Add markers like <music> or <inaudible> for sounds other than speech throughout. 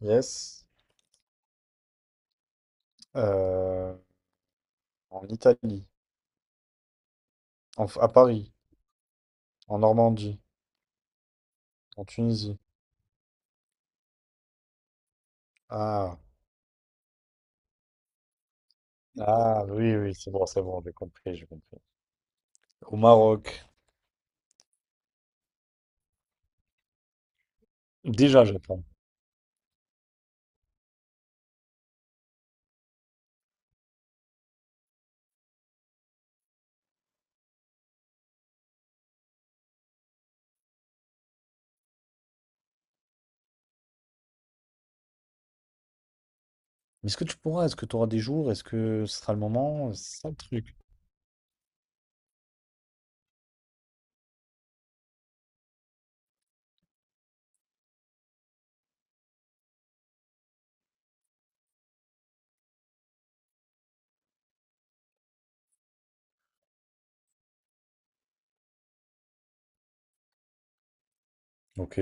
Yes. Euh, En Italie, à Paris, en Normandie, en Tunisie. Ah, ah oui, oui, c'est bon, j'ai compris, j'ai compris. Au Maroc, déjà Japon. Mais est-ce que tu pourras? Est-ce que tu auras des jours? Est-ce que ce sera le moment? C'est ça le truc. Ok,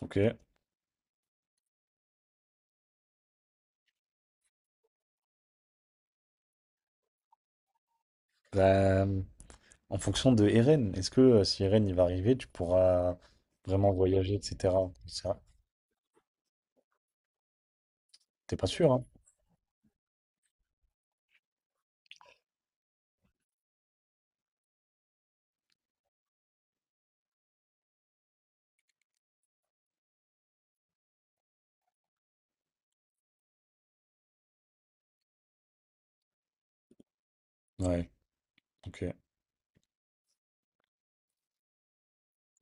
ok. Bah, en fonction de Eren, est-ce que si Eren il va arriver, tu pourras vraiment voyager, etc. Ça, T'es pas sûr, hein? Ouais, ok.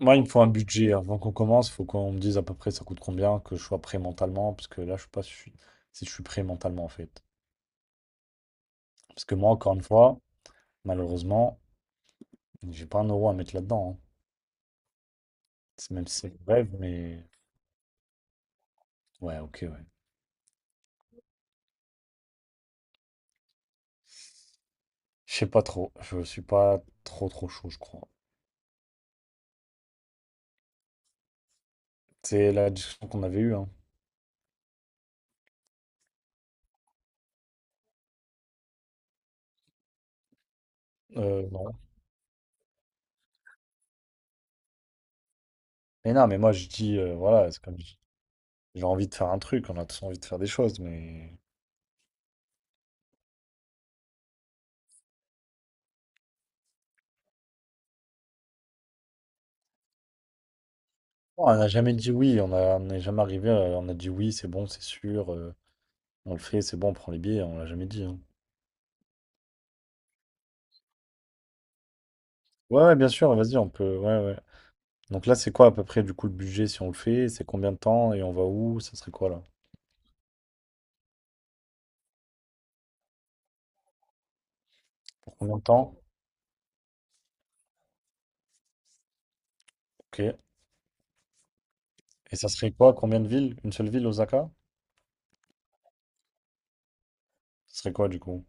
Moi, il me faut un budget. Avant qu'on commence, il faut qu'on me dise à peu près ça coûte combien, que je sois prêt mentalement, parce que là, je sais pas si je suis prêt mentalement, en fait. Parce que moi, encore une fois, malheureusement, j'ai pas un euro à mettre là-dedans, hein. C'est même si c'est le rêve, mais ouais, ok, ouais. Je sais pas trop. Je suis pas trop, trop chaud, je crois. C'est la discussion qu'on avait eue, hein. Non. Mais non, mais moi, je dis, voilà, c'est comme j'ai envie de faire un truc, on a tous envie de faire des choses, mais. On n'a jamais dit oui, on n'est jamais arrivé, on a dit oui, c'est bon, c'est sûr, on le fait, c'est bon, on prend les billets, on l'a jamais dit, hein. Ouais, ouais, bien sûr, vas-y, on peut. Ouais, ouais. Donc là, c'est quoi à peu près du coup le budget si on le fait? C'est combien de temps et on va où? Ça serait quoi là? Pour combien de temps? Ok. Et ça serait quoi? Combien de villes? Une seule ville, Osaka? Ça serait quoi du coup?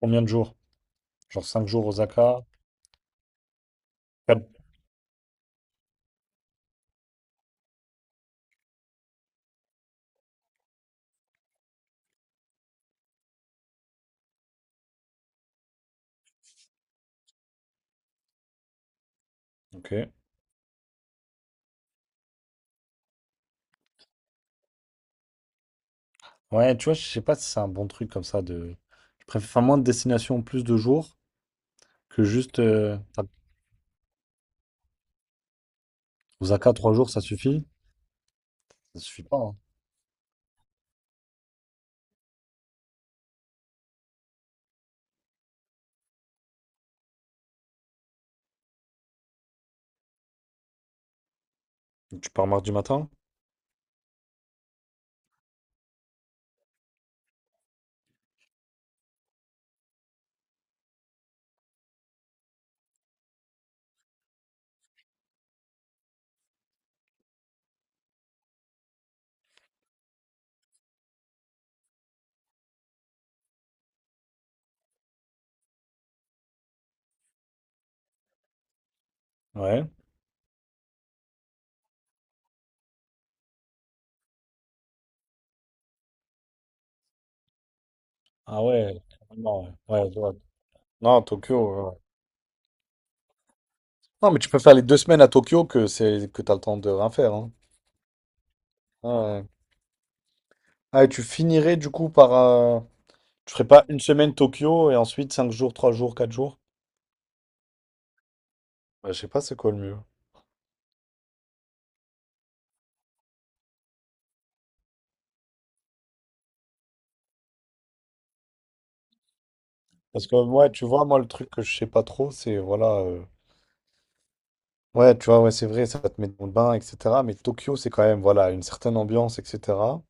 Combien de jours? Genre 5 jours Osaka? 4. Ok. Ouais, tu vois, je sais pas si c'est un bon truc comme ça de. Je préfère faire moins de destinations, plus de jours que juste. Osaka, 3 jours, ça suffit? Ça suffit pas, hein. Tu pars mardi matin? Ouais. Ah ouais, carrément, ouais. Ouais, je vois. Non, Tokyo. Non, mais tu peux faire les 2 semaines à Tokyo que c'est que t'as le temps de rien faire, hein. Ah, ouais. Ah, et tu finirais du coup par. Tu ferais pas une semaine Tokyo et ensuite 5 jours, 3 jours, 4 jours? Ouais, je sais pas c'est quoi le mieux. Parce que ouais, tu vois, moi le truc que je sais pas trop, c'est voilà. Ouais, tu vois, ouais, c'est vrai, ça va te met dans le bain, etc. Mais Tokyo, c'est quand même voilà une certaine ambiance, etc.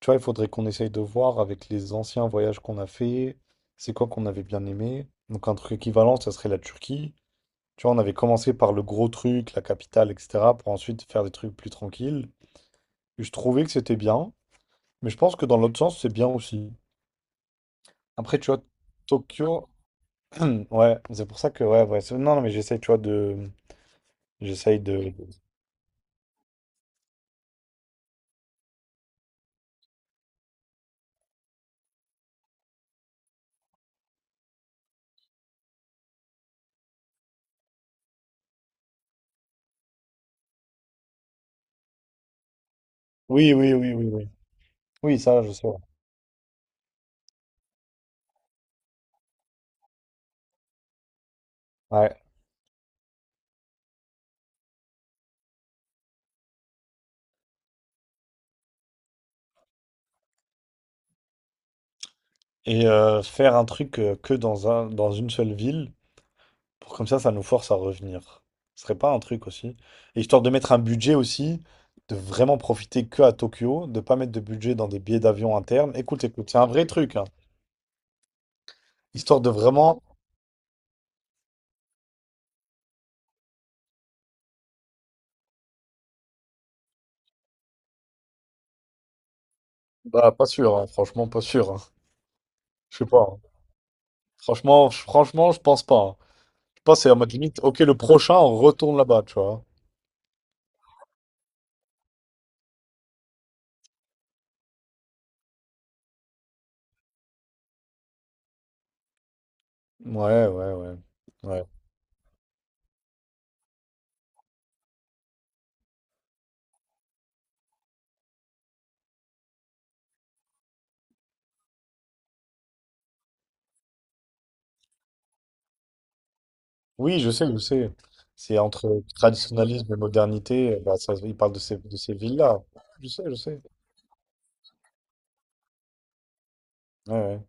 Tu vois, il faudrait qu'on essaye de voir avec les anciens voyages qu'on a fait, c'est quoi qu'on avait bien aimé. Donc un truc équivalent, ça serait la Turquie. Tu vois, on avait commencé par le gros truc, la capitale, etc., pour ensuite faire des trucs plus tranquilles. Et je trouvais que c'était bien, mais je pense que dans l'autre sens, c'est bien aussi. Après, tu vois, Tokyo, <clears throat> ouais, c'est pour ça que, ouais, ouais, non, non, mais j'essaye, tu vois, j'essaye de, oui, oui, oui, oui, oui, oui, ça, je sais, ouais. Ouais. Et faire un truc que dans un, dans une seule ville. Pour comme ça nous force à revenir. Ce serait pas un truc aussi. Et histoire de mettre un budget aussi, de vraiment profiter que à Tokyo, de pas mettre de budget dans des billets d'avion internes. Écoute, écoute, c'est un vrai truc, hein. Histoire de vraiment. Bah, pas sûr, hein. Franchement, pas sûr, hein. Je sais pas, hein. Franchement, franchement, je pense pas, hein. Je pense que c'est en mode limite, ok, le prochain, on retourne là-bas, tu vois. Ouais, ouais, ouais. Ouais. Oui, je sais, je sais. C'est entre traditionnalisme et modernité. Bah, ça, il parle de ces, villes-là. Je sais, je sais. Ouais, ouais.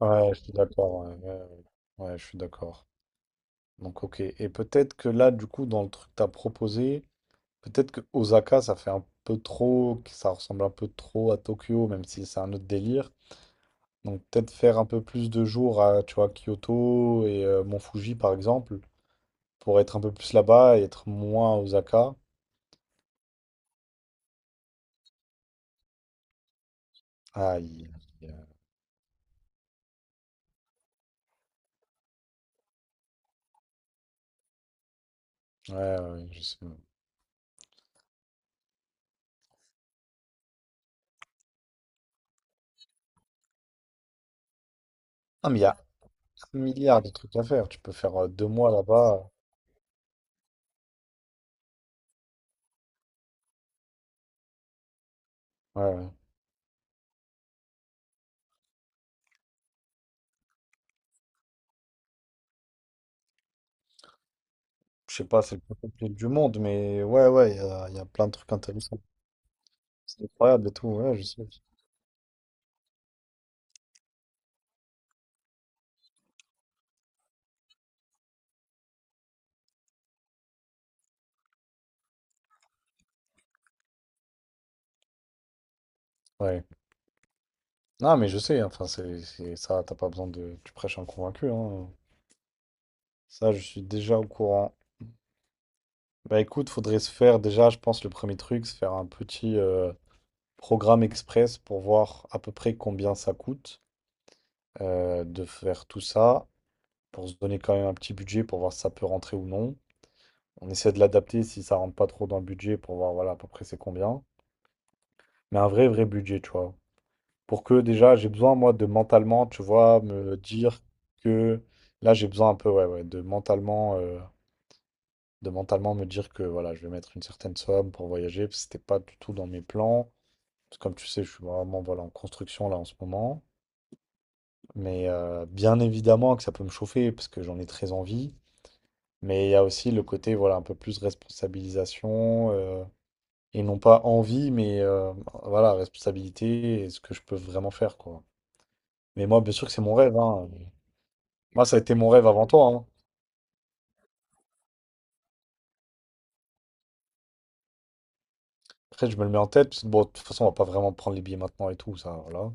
Ouais, je suis d'accord. Ouais, ouais, ouais. Ouais, je suis d'accord. Donc, ok. Et peut-être que là, du coup, dans le truc que tu proposé, peut-être que Osaka, ça fait un peu trop, que ça ressemble un peu trop à Tokyo, même si c'est un autre délire. Donc, peut-être faire un peu plus de jours à, tu vois, Kyoto et Mont Fuji, par exemple, pour être un peu plus là-bas et être moins à Osaka. Aïe. Aïe, aïe. Ouais, ouais, ouais, je sais. Ah, mais il y a un milliard de trucs à faire. Tu peux faire 2 mois là-bas. Ouais, ouais. Je sais pas, c'est le plus compliqué du monde, mais ouais, ouais, il y a plein de trucs intéressants. C'est incroyable et tout, ouais, je sais. Ouais. Non, mais je sais, enfin, c'est ça, t'as pas besoin de. Tu prêches un convaincu, hein. Ça, je suis déjà au courant. Bah écoute, faudrait se faire déjà, je pense, le premier truc, se faire un petit programme express pour voir à peu près combien ça coûte, de faire tout ça, pour se donner quand même un petit budget pour voir si ça peut rentrer ou non. On essaie de l'adapter si ça rentre pas trop dans le budget pour voir, voilà, à peu près c'est combien. Mais un vrai, vrai budget, tu vois. Pour que déjà j'ai besoin moi de mentalement, tu vois, me dire que là j'ai besoin un peu ouais, ouais, de mentalement, de mentalement me dire que voilà, je vais mettre une certaine somme pour voyager parce que c'était pas du tout dans mes plans. Parce que comme tu sais, je suis vraiment voilà en construction là en ce moment, mais bien évidemment que ça peut me chauffer parce que j'en ai très envie, mais il y a aussi le côté voilà un peu plus responsabilisation, et non pas envie mais, voilà, responsabilité et ce que je peux vraiment faire quoi. Mais moi, bien sûr que c'est mon rêve, hein. Moi, ça a été mon rêve avant toi, hein. Après, je me le mets en tête, parce que bon, de toute façon, on va pas vraiment prendre les billets maintenant et tout, ça, voilà. On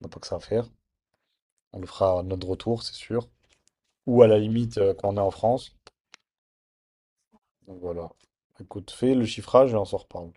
n'a pas que ça à faire. On le fera à notre retour, c'est sûr. Ou à la limite, quand on est en France. Donc voilà. Écoute, fais le chiffrage et on s'en reparle.